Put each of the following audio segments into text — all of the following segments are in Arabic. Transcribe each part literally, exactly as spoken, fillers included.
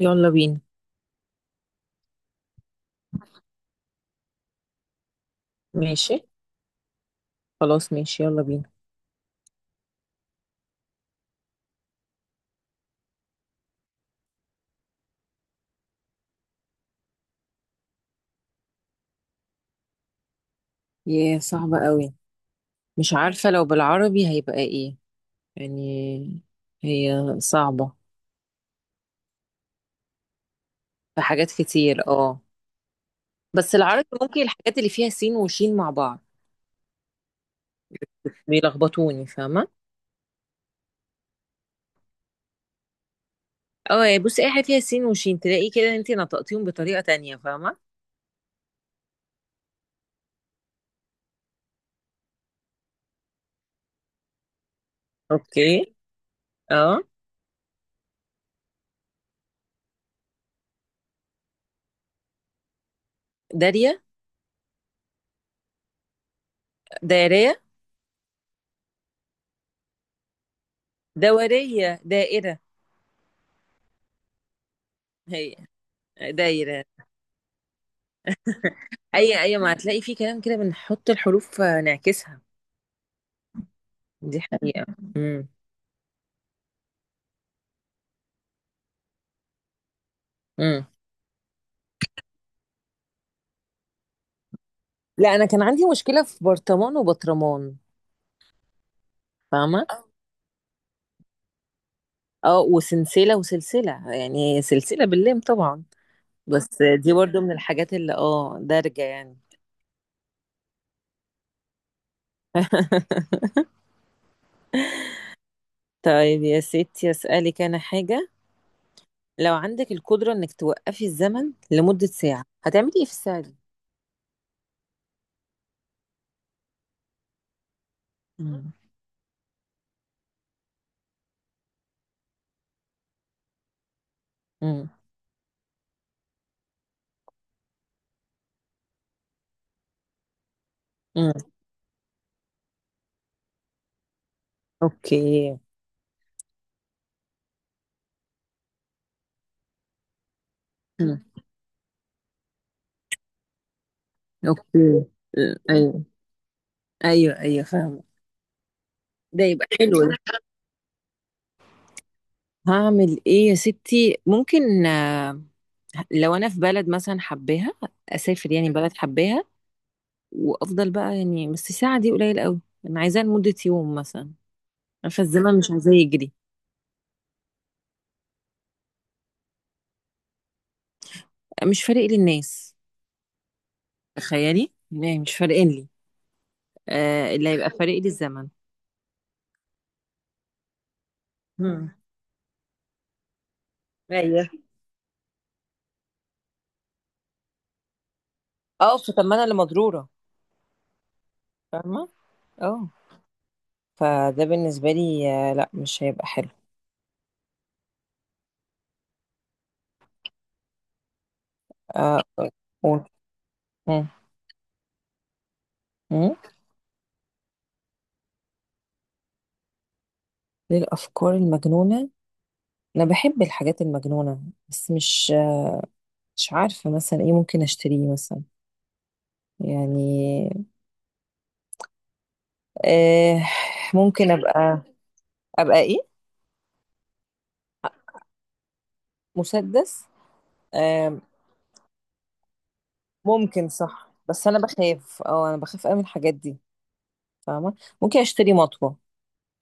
يلا بينا. ماشي، خلاص ماشي يلا بينا. ياه، صعبة قوي. مش عارفة لو بالعربي هيبقى ايه يعني، هي صعبة. في حاجات كتير، اه. بس العربي ممكن الحاجات اللي فيها سين وشين مع بعض بيلخبطوني، فاهمة؟ اه يعني، بصي اي حاجة فيها سين وشين تلاقي كده انت نطقتيهم بطريقة تانية، فاهمة؟ اوكي. اه، دارية، دايرية، دورية، دائرة. هي دايرة. اي اي ما هتلاقي فيه كلام كده بنحط الحروف، آه، نعكسها. دي حقيقة. امم. امم. لا انا كان عندي مشكلة في برطمان وبطرمان، فاهمة؟ اه، وسلسلة وسلسلة يعني سلسلة باللام طبعا. بس دي برضو من الحاجات اللي اه دارجة يعني. طيب يا ستي، اسألك انا حاجة. لو عندك القدرة انك توقفي الزمن لمدة ساعة هتعملي ايه في الساعة دي؟ امم. امم. امم. اوكي. مم. اوكي. آه، ايوه، ايوه، ايوه، فاهمة. ده يبقى حلو ده. هعمل ايه يا ستي ممكن آه، لو انا في بلد مثلا حباها، اسافر يعني بلد حباها وافضل بقى يعني، بس الساعه دي قليل قوي. انا عايزاها لمده يوم مثلا. عارفه الزمن مش عايزاه يجري. مش فارق لي الناس، تخيلي يعني، مش فارقين لي. آه اللي هيبقى فارق لي الزمن. مم. ايوه. اه، فطب ما انا اللي مضروره، فاهمه. اه، فده بالنسبه لي آه لا مش هيبقى حلو. آه، قول. مم. مم. للافكار المجنونه. انا بحب الحاجات المجنونه، بس مش مش عارفة مثلا ايه ممكن اشتريه مثلا، يعني آه ممكن ابقى ابقى ايه، مسدس. آه ممكن صح، بس انا بخاف اه انا بخاف قوي من الحاجات دي، فاهمة. ممكن اشتري مطوة،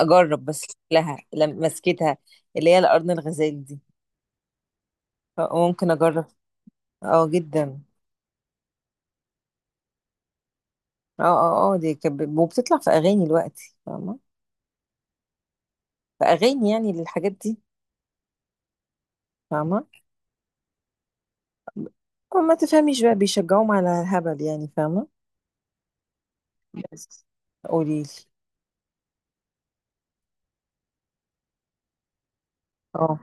اجرب بس لها، لم- مسكتها اللي هي القرن الغزال دي، ف- ممكن اجرب. اه، جدا. اه، اه، اه، دي كانت ب- وبتطلع في اغاني دلوقتي، فاهمة؟ في اغاني يعني للحاجات دي. فاهمة، ما تفهميش بقى، بيشجعوهم على الهبل يعني، فاهمة. بس. قولي لي. اه.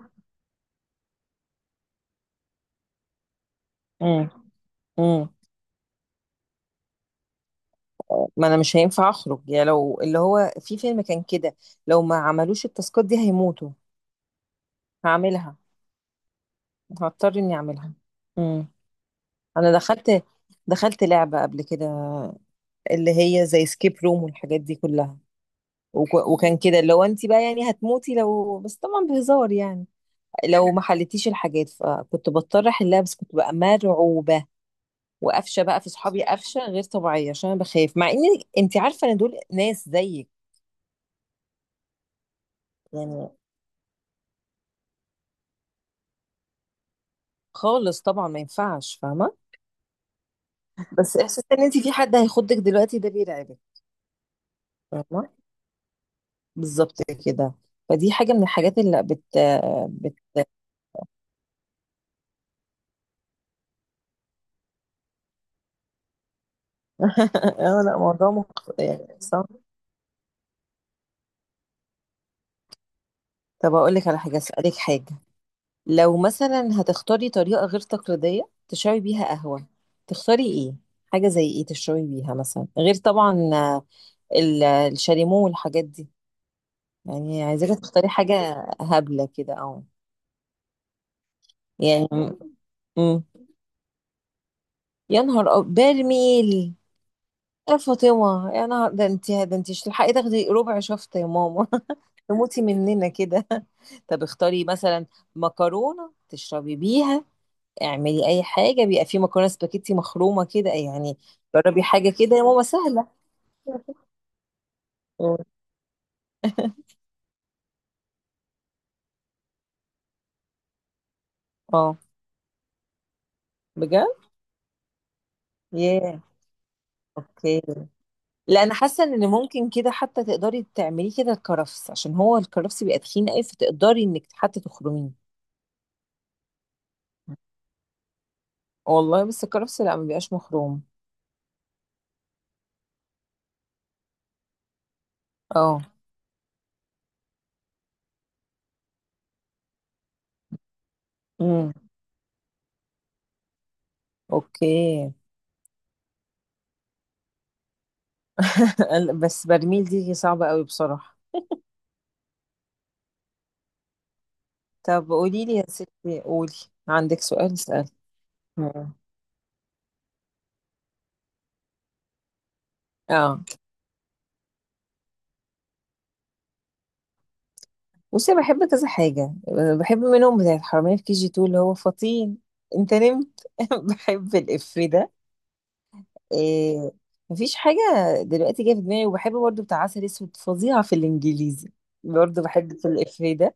امم. امم. ما انا مش هينفع اخرج، يا لو اللي هو في فيلم كان كده، لو ما عملوش التاسكات دي هيموتوا. هعملها، هضطر اني اعملها. امم. انا دخلت دخلت لعبة قبل كده، اللي هي زي سكيب روم والحاجات دي كلها. وك- وكان كده لو انت بقى يعني هتموتي لو، بس طبعا بهزار يعني، لو ما حلتيش الحاجات فكنت بضطر احلها، بس كنت بقى مرعوبة. وقفشه بقى في صحابي قفشه غير طبيعيه، عشان انا بخاف، مع ان انت عارفه ان دول ناس زيك، يعني خالص طبعا ما ينفعش، فاهمه. بس احساس ان انت في حد هيخضك دلوقتي ده بيرعبك. فاهمه، بالظبط كده. فدي حاجه من الحاجات اللي بت بت اه، لا، موضوع مخ... يعني صعب. طب اقول لك على حاجه، اسالك حاجه. لو مثلا هتختاري طريقه غير تقليديه تشربي بيها قهوه، تختاري ايه؟ حاجه زي ايه تشربي بيها مثلا غير طبعا آه، ال- الشاليمو والحاجات دي. يعني عايزاك تختاري حاجة هبلة كده أو، يعني. مم. يا نهار أب... برميل. يا فاطمة يا نهار ده، انت ده انت مش تلحقي تاخدي ربع شفطة يا ماما. تموتي مننا كده. طب اختاري مثلا مكرونة تشربي بيها، اعملي أي حاجة، بيبقى في مكرونة سباكيتي مخرومة كده يعني. جربي حاجة كده يا ماما، سهلة. مم. اه، بجد؟ ياه. اوكي. لا، انا حاسه ان ممكن كده حتى تقدري تعمليه كده الكرفس، عشان هو الكرفس بيبقى تخين قوي فتقدري انك حتى تخرميه. والله بس الكرفس لا ما بيبقاش مخروم. اه. امم. اوكي. بس برميل دي صعبه قوي بصراحه. طب قولي لي يا ستي، قولي. عندك سؤال، اسال. مم. اه، بصي بحب كذا حاجه. بحب منهم بتاعت حرامية في كي جي اتنين، اللي هو فطين. انت نمت. بحب الإف ده. إيه، مفيش حاجة دلوقتي جاية في دماغي. وبحب برضو بتاع عسل اسود، فظيعة في الانجليزي. برضو بحب في الافيه ده.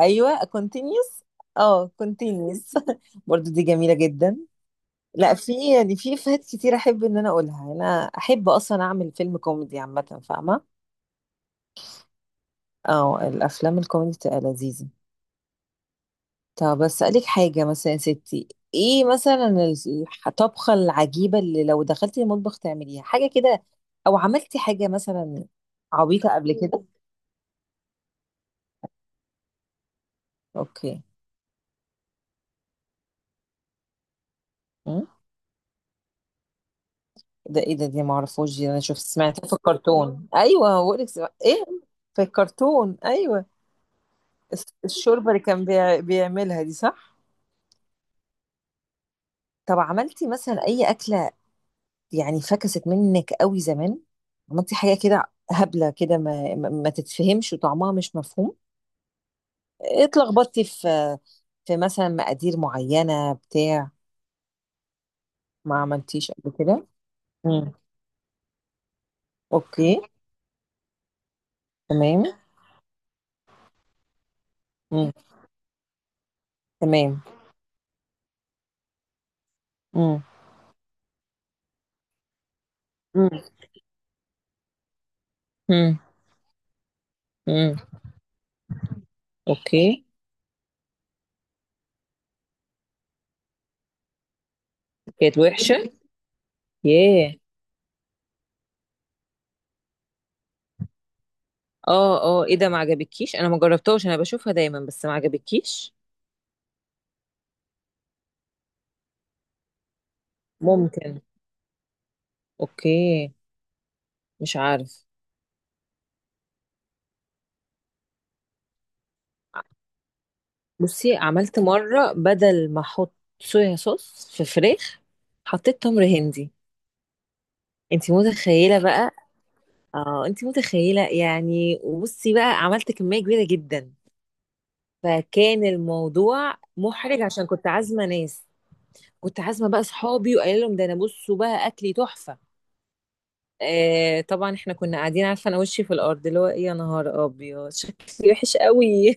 ايوه، continuous. اه، continuous. برضو دي جميلة جدا. لا، في يعني في افيهات كتير احب ان انا اقولها. انا احب اصلا اعمل فيلم كوميدي عامة، فاهمة. اه، الافلام الكوميدي بتبقى لذيذة. طب أسألك حاجة مثلا يا ستي، ايه مثلا ال- الطبخة العجيبة اللي لو دخلتي المطبخ تعمليها حاجة كده، او عملتي حاجة مثلا عبيطة قبل كده. اوكي. أم؟ ده ايه ده، دي معرفوش دي. انا شفت سمعتها في الكرتون، ايوه بقولك. سم- ايه، في الكرتون، ايوه. الس- الشوربة اللي كان بيع- بيعملها دي، صح. طب عملتي مثلا اي أكلة يعني فكست منك قوي زمان؟ عملتي حاجة كده هبلة كده ما ما ما تتفهمش وطعمها مش مفهوم. اتلخبطتي في في مثلا مقادير معينة بتاع ما عملتيش قبل كده. امم. اوكي. تمام. امم. تمام. امم. امم. امم. امم. اوكي. كانت وحشة. ياه. اه، اه، ايه ده؟ ما عجبكيش؟ انا ما جربتهاش، انا بشوفها دايما، بس ما عجبكيش. ممكن. اوكي. مش عارف. بصي عملت مرة بدل ما احط صويا صوص في فراخ، حطيت تمر هندي. انت متخيلة بقى. اه انت متخيله يعني، وبصي بقى عملت كميه كبيره جدا. فكان الموضوع محرج عشان كنت عازمه ناس، كنت عازمه بقى اصحابي وقايله لهم ده انا، بصوا بقى اكلي تحفه. آه طبعا احنا كنا قاعدين، عارفه انا وشي في الارض اللي هو ايه، يا نهار ابيض شكلي وحش قوي.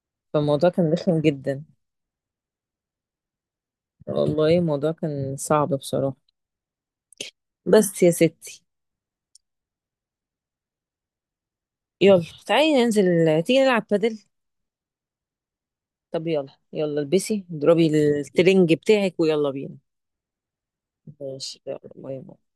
فالموضوع كان رخم جدا. والله الموضوع كان صعب بصراحه. بس يا ستي، يلا تعالي ننزل. تيجي نلعب بادل؟ طب يلا، يلا البسي، اضربي الترنج بتاعك ويلا بينا. ماشي يلا، باي باي.